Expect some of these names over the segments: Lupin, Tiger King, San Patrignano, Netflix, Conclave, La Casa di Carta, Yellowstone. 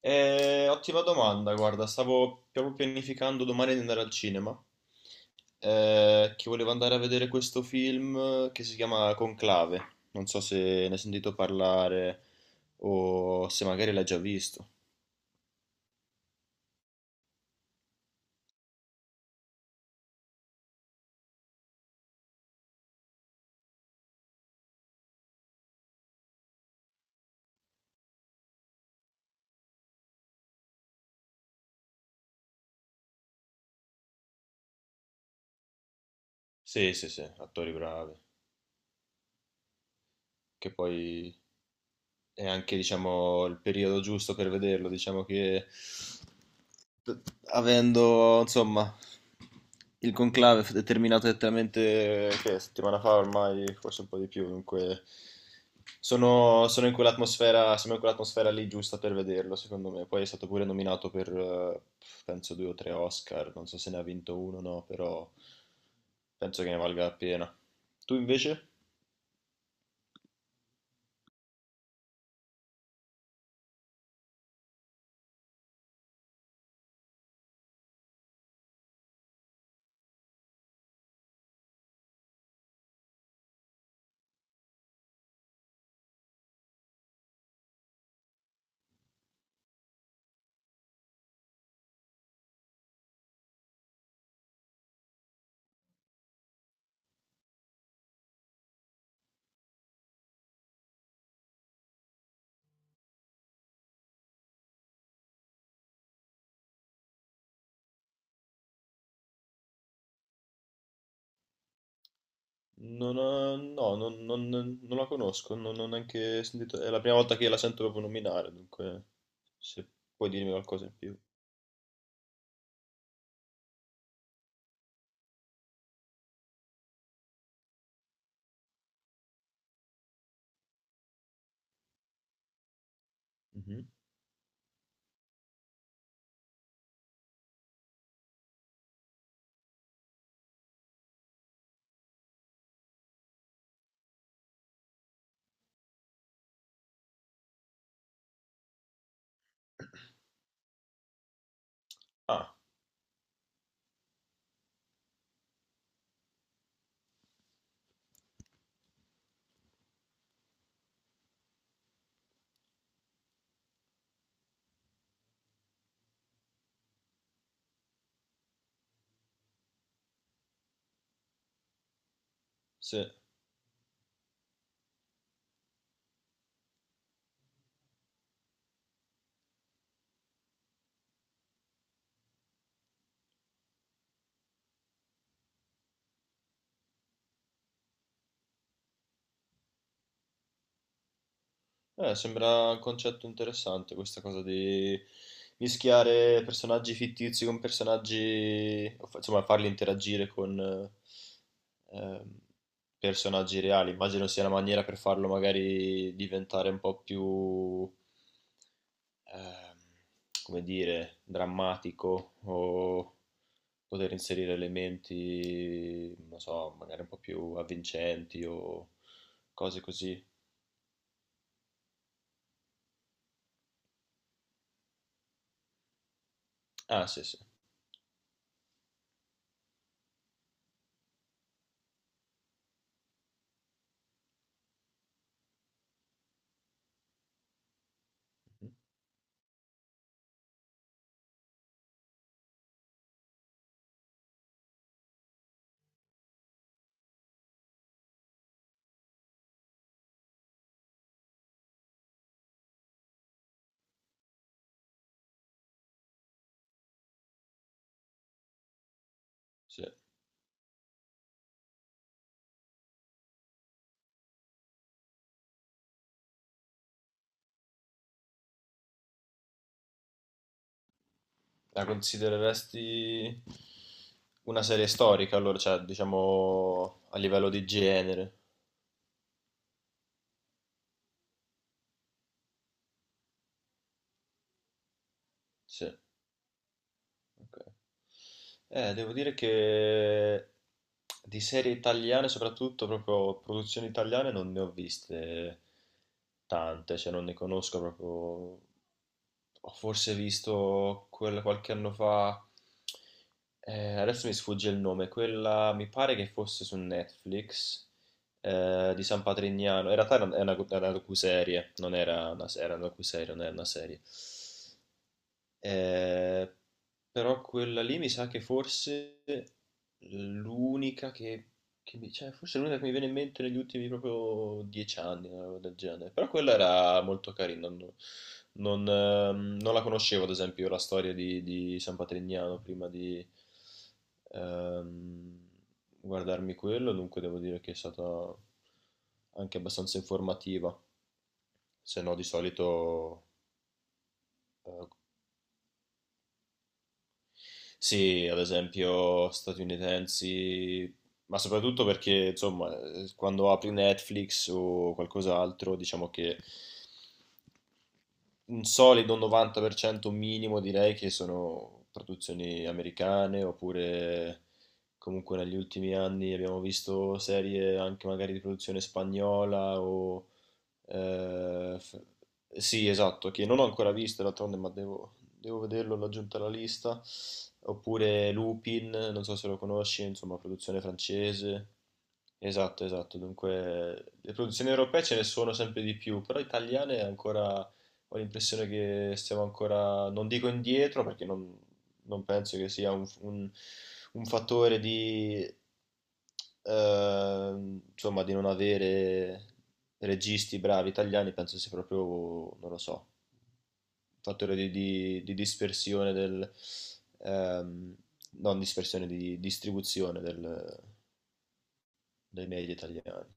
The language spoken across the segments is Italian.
Ottima domanda, guarda, stavo proprio pianificando domani di andare al cinema, che volevo andare a vedere questo film che si chiama Conclave. Non so se ne hai sentito parlare o se magari l'hai già visto. Sì, sì, sì, attori bravi. Che poi è anche, diciamo, il periodo giusto per vederlo. Diciamo che d- avendo, insomma, il conclave è terminato esattamente che settimana fa ormai, forse un po' di più, dunque sono in quell'atmosfera, siamo in quell'atmosfera lì giusta per vederlo, secondo me. Poi è stato pure nominato per, penso, due o tre Oscar, non so se ne ha vinto uno o no, però penso che ne valga la pena. Tu invece? Non ho- no, non, non- Non la conosco, non ho neanche sentito, è la prima volta che la sento proprio nominare, dunque se puoi dirmi qualcosa in più. Mhm. Ah, sì. Sembra un concetto interessante questa cosa di mischiare personaggi fittizi con personaggi, insomma farli interagire con ehm, personaggi reali. Immagino sia una maniera per farlo magari diventare un po' più ehm, come dire, drammatico o poter inserire elementi, non so, magari un po' più avvincenti o cose così. Ah, sì, sì. Mhm. Sì. La considereresti una serie storica, allora, cioè, diciamo a livello di genere. Sì. Ok. Devo dire che di serie italiane, soprattutto proprio produzioni italiane, non ne ho viste tante, cioè non ne conosco proprio. Ho forse visto quella qualche anno fa, adesso mi sfugge il nome, quella mi pare che fosse su Netflix. Di San Patrignano, in realtà era una docuserie, non era una, era una docuserie, non era una serie. Ehm, Però quella lì mi sa che forse l'unica che mi, cioè forse l'unica che mi viene in mente negli ultimi proprio dieci anni, una roba del genere. Però quella era molto carina. Non la conoscevo, ad esempio, la storia di, San Patrignano prima di ehm, guardarmi quello, dunque devo dire che è stata anche abbastanza informativa. Se no, di solito eh, sì, ad esempio statunitensi, ma soprattutto perché, insomma, quando apri Netflix o qualcos'altro, diciamo che un solido 90% minimo direi che sono produzioni americane, oppure comunque negli ultimi anni abbiamo visto serie anche magari di produzione spagnola o eh, f- sì, esatto, che non ho ancora visto d'altronde, ma devo vederlo, l'ho aggiunto alla lista. Oppure Lupin, non so se lo conosci, insomma, produzione francese. Esatto, esatto. Dunque, le produzioni europee ce ne sono sempre di più, però italiane ancora ho l'impressione che stiamo ancora, non dico indietro, perché non penso che sia un fattore di, insomma, di non avere registi bravi italiani. Penso sia proprio, non lo so, un fattore di dispersione del, ehm, non dispersione, di distribuzione dei media italiani.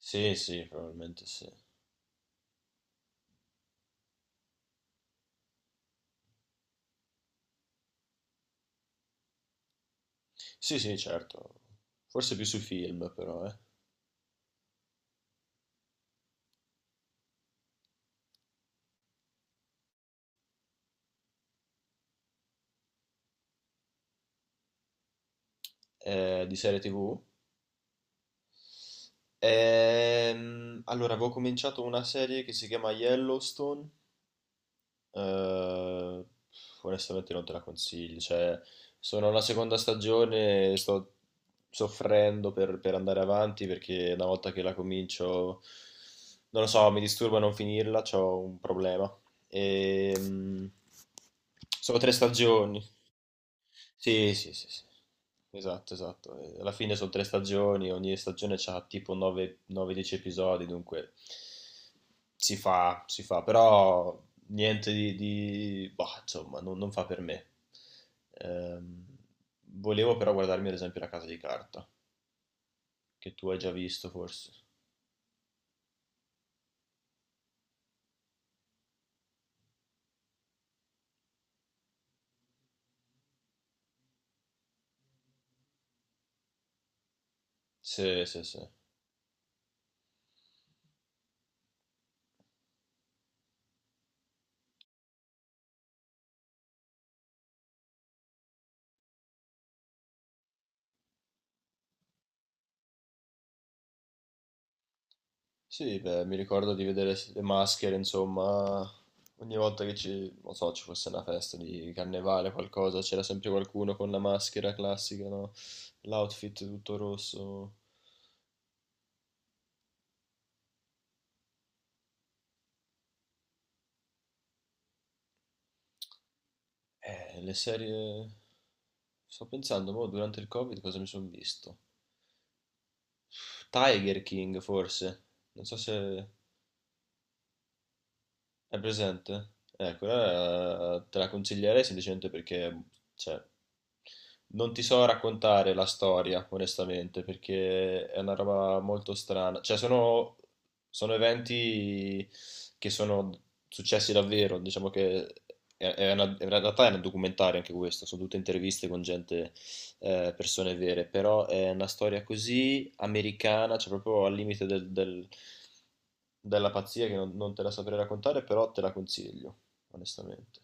Sì, sì, probabilmente sì. Sì, sì, certo. Forse più sui film, però, eh. Di serie TV. Allora, avevo cominciato una serie che si chiama Yellowstone. eh, Onestamente non te la consiglio. Cioè, sono alla seconda stagione e sto soffrendo per andare avanti, perché una volta che la comincio, non lo so, mi disturba non finirla, ho un problema. Ehm, Sono tre stagioni. Sì, sì, sì, sì. Esatto, esatto. Alla fine sono tre stagioni, ogni stagione ha tipo 9-10 episodi, dunque si fa, però niente boh, insomma, non fa per me. Ehm, Volevo però guardarmi ad esempio La Casa di Carta, che tu hai già visto forse. Sì, sì, sì. Sì, beh, mi ricordo di vedere le maschere, insomma, ogni volta che ci, non so, ci fosse una festa di carnevale, qualcosa, c'era sempre qualcuno con la maschera classica, no? L'outfit tutto rosso. Le serie... Sto pensando, mo, durante il Covid cosa mi sono visto? Tiger King, forse. Non so se... È presente? Quella te la consiglierei semplicemente perché, cioè, non ti so raccontare la storia, onestamente, perché è una roba molto strana. Cioè, sono eventi che sono successi davvero, diciamo che è in realtà è un documentario anche questo, sono tutte interviste con gente persone vere, però è una storia così americana, cioè proprio al limite della pazzia che non te la saprei raccontare, però te la consiglio, onestamente.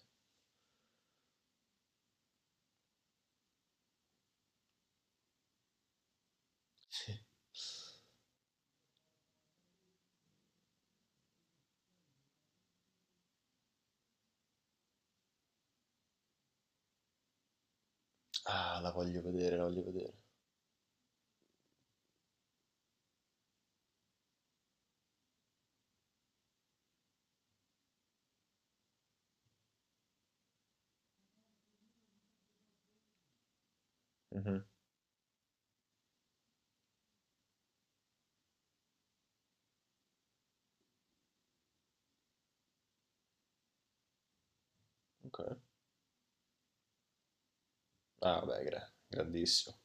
Sì. Ah, la voglio vedere, la voglio vedere. Mhm. Ok. Ah, beh, grandissimo.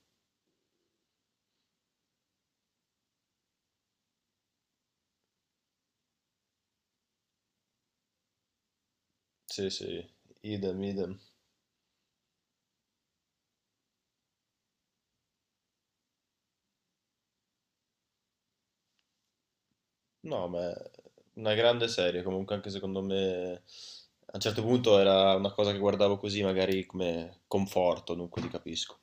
Sì, sì, idem, idem. No, ma è una grande serie, comunque anche secondo me... A un certo punto era una cosa che guardavo così, magari come conforto, dunque ti capisco.